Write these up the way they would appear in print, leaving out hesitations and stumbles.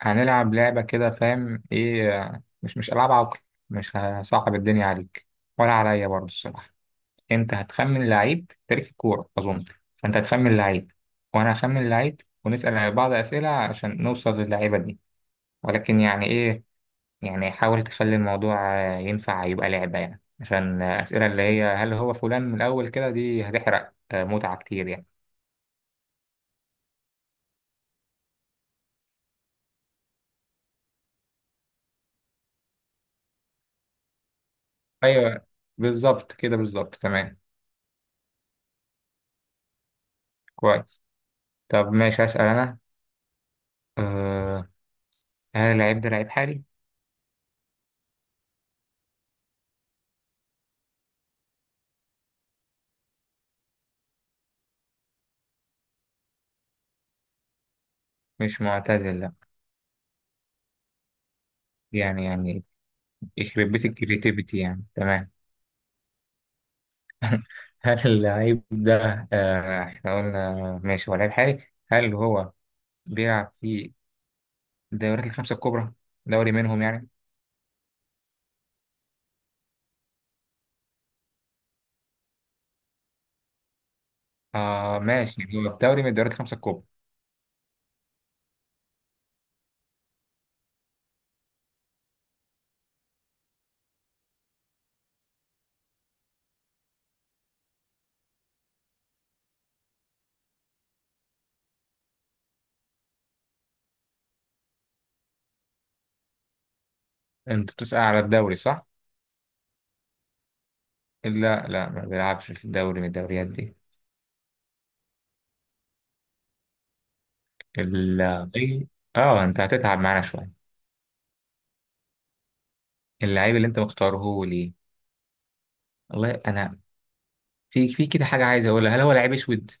هنلعب لعبة كده، فاهم إيه؟ مش ألعاب عقل. مش هصعب الدنيا عليك، ولا عليا برضه الصراحة. أنت هتخمن لعيب تاريخ الكورة أظن، فأنت هتخمن لعيب، وأنا هخمن لعيب، ونسأل بعض أسئلة عشان نوصل للعيبة دي. ولكن يعني إيه؟ يعني حاول تخلي الموضوع ينفع يبقى لعبة يعني، عشان أسئلة اللي هي هل هو فلان من الأول كده دي هتحرق متعة كتير يعني. أيوه بالظبط كده، بالظبط تمام. كويس. طب ماشي هسأل أنا. آه، هل اللعيب ده لعيب حالي؟ مش معتزل، لا. يعني يخرب بيت الكريتيفيتي يعني، تمام. هل اللعيب ده، احنا قلنا ماشي هو لعيب حالي، هل هو بيلعب في الدوريات الخمسة الكبرى؟ دوري منهم يعني؟ آه ماشي، يعني هو في دوري من الدوريات الخمسة الكبرى. انت بتسأل على الدوري، صح؟ لا، ما بيلعبش في دوري من الدوريات دي. اللعيب، اه انت هتتعب معانا شوية. اللعيب اللي انت مختاره هو ليه؟ والله انا، في كده حاجة عايز اقولها، هل هو لعيب اسود؟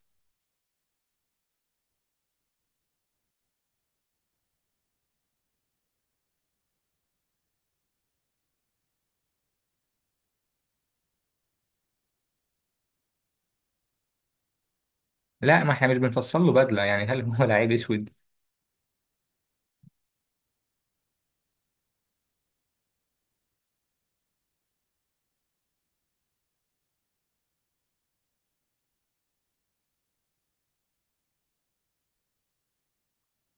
لا، ما احنا مش بنفصل له بدله يعني، هل هو لعيب اسود؟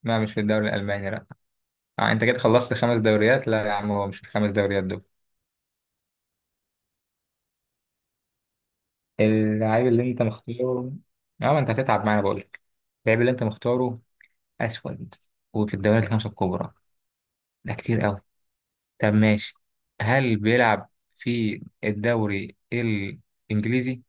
لا مش في الدوري الالماني، لا. آه انت كده خلصت خمس دوريات، لا يا عم، هو مش في الخمس دوريات دول. اللعيب اللي انت مختاره، اه ما انت هتتعب معانا بقول لك، اللعيب اللي انت مختاره اسود وفي الدوريات الخمسه الكبرى، ده كتير قوي. طب ماشي، هل بيلعب في الدوري الانجليزي؟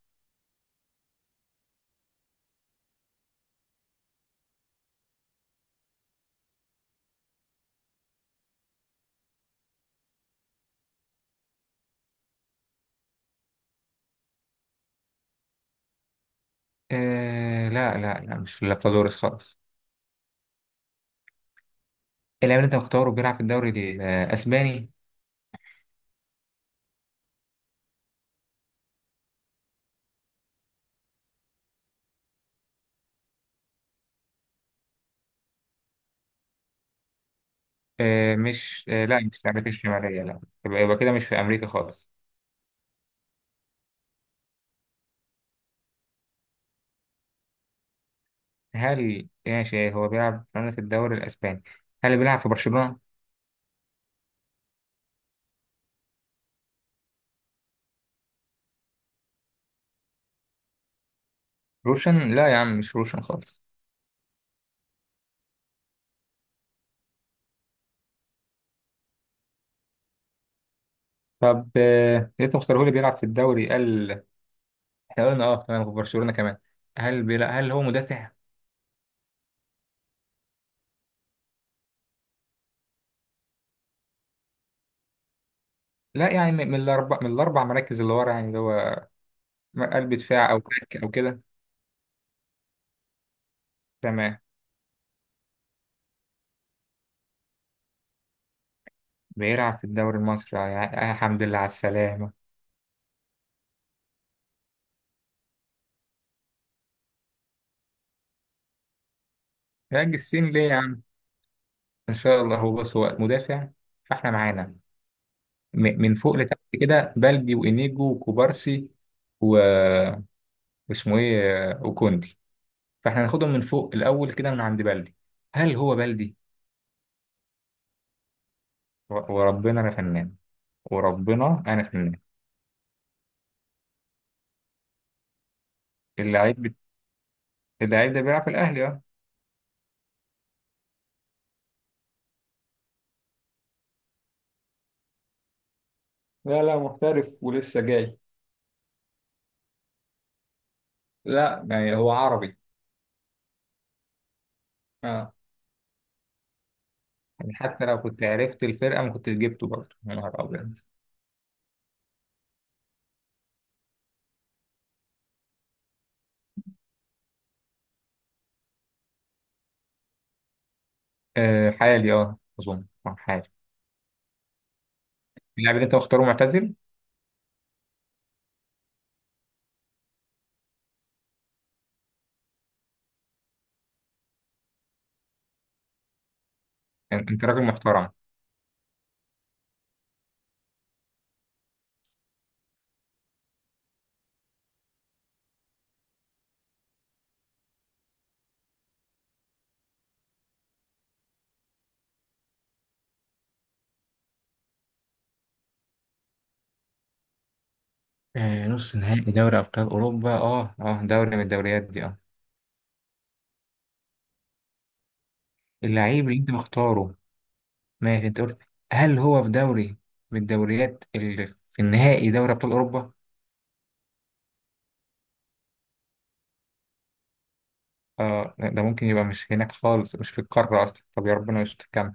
آه لا مش في لابتادورس خالص. اللاعب اللي انت مختاره بيلعب في الدوري الاسباني. آه مش آه لا مش في أمريكا الشمالية، لا. يبقى كده مش في أمريكا خالص. هل ماشي هو بيلعب في رنة الدوري الأسباني، هل بيلعب في برشلونة؟ روشن؟ لا يا عم مش روشن خالص. طب آه أنت مختاره لي بيلعب في الدوري، قال، إحنا قلنا أه تمام في برشلونة كمان. هل هل هو مدافع؟ لا يعني من من الأربع مراكز اللي ورا يعني، اللي هو قلب دفاع أو باك أو كده. تمام. بيلعب في الدوري المصري، يا يا حمد لله على السلامة. يا السين ليه يا عم؟ ان شاء الله. هو بص هو مدافع، فاحنا معانا من فوق لتحت كده، بلدي وانيجو وكوبارسي و- واسمه ايه وكوندي، فاحنا هناخدهم من فوق الاول كده من عند بلدي. هل هو بلدي؟ وربنا انا فنان، وربنا انا فنان. اللعيب بت- اللعيب ده بيلعب في الاهلي، اه. لا لا محترف ولسه جاي. لا يعني هو عربي. اه. يعني حتى لو كنت عرفت الفرقه ما كنتش جبته برضه، يا نهار ابيض. آه حالي، اه اظن حالي. اللاعب اللي انت مختاره معتزل؟ انت راجل محترم. نص نهائي دوري ابطال اوروبا، اه اه دوري من الدوريات دي، اه. اللعيب اللي انت مختاره، ماشي انت قلت هل هو في دوري من الدوريات اللي في النهائي دوري ابطال اوروبا. اه لا، ده ممكن يبقى مش هناك خالص، مش في القاره اصلا، طب يا ربنا مش تكمل.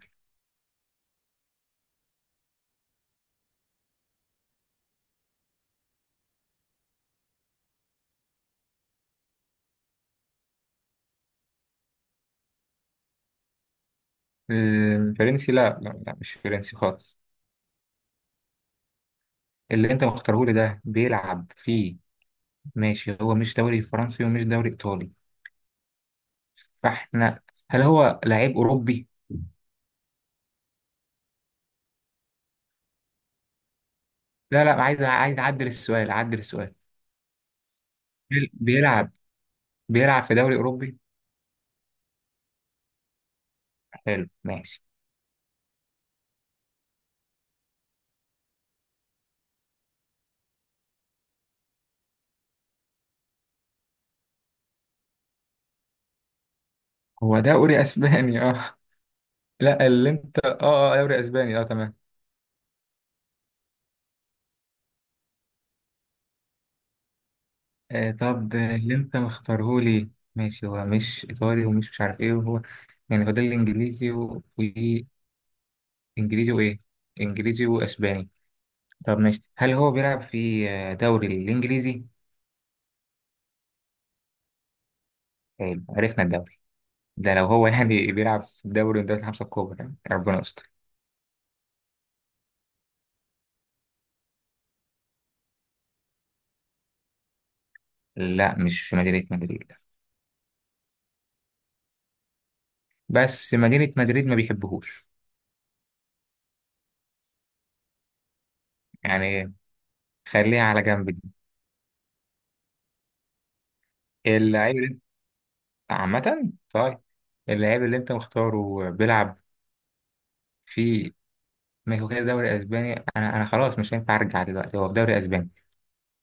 الفرنسي لا مش فرنسي خالص. اللي انت مختاره لي ده بيلعب فيه، ماشي هو مش دوري فرنسي ومش دوري ايطالي، فاحنا هل هو لعيب اوروبي؟ لا عايز، عايز اعدل السؤال. بيلعب، بيلعب في دوري أوروبي؟ حلو ماشي. هو دوري أسباني، اه. لا اللي انت اه، دوري أسباني اه، تمام. آه طب اللي انت مختاره لي، ماشي هو مش إيطالي ومش مش عارف ايه، وهو يعني هو ده الإنجليزي وإنجليزي وإيه، إنجليزي وأسباني. طب ماشي، هل هو بيلعب في دوري الإنجليزي؟ حلو عرفنا الدوري ده. لو هو يعني بيلعب في دوري من دوري الخمسة الكبرى يعني ربنا يستر. لا مش في مدينة مدريد. بس مدينة مدريد ما بيحبهوش يعني، خليها على جنب دي. اللعيب اللي انت، عامة طيب، اللعيب اللي انت مختاره بيلعب في ميكو كده دوري اسباني، انا خلاص مش هينفع ارجع دلوقتي، هو في دوري اسباني.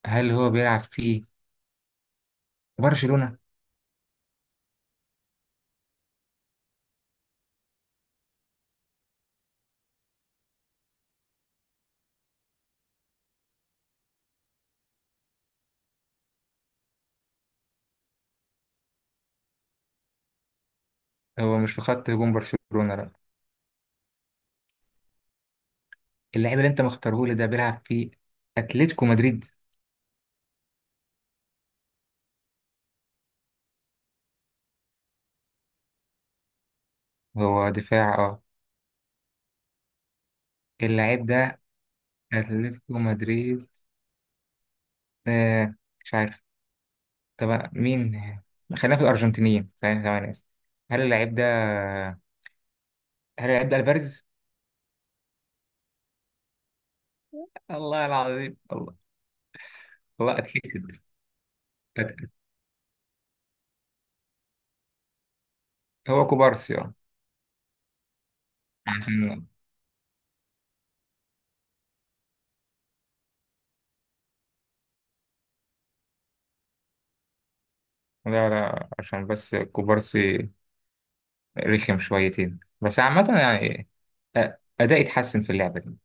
هل هو بيلعب في برشلونة؟ هو مش في خط هجوم برشلونة، لا. اللعيب اللي انت مختاره لي ده بيلعب في اتلتيكو مدريد. هو دفاع، اه. اللعيب ده اتلتيكو مدريد، آه مش عارف. طب مين، خلينا في الارجنتينيين، ثواني ثواني اسف. هل اللعيب ده، هل هيبدأ الفاريز؟ الله العظيم، الله. الله اتأكد، أت- هو كوبارسي اه. عشان، لا عشان بس كوبارسي رخم شويتين، بس عامة يعني أ- أداء يتحسن في اللعبة دي.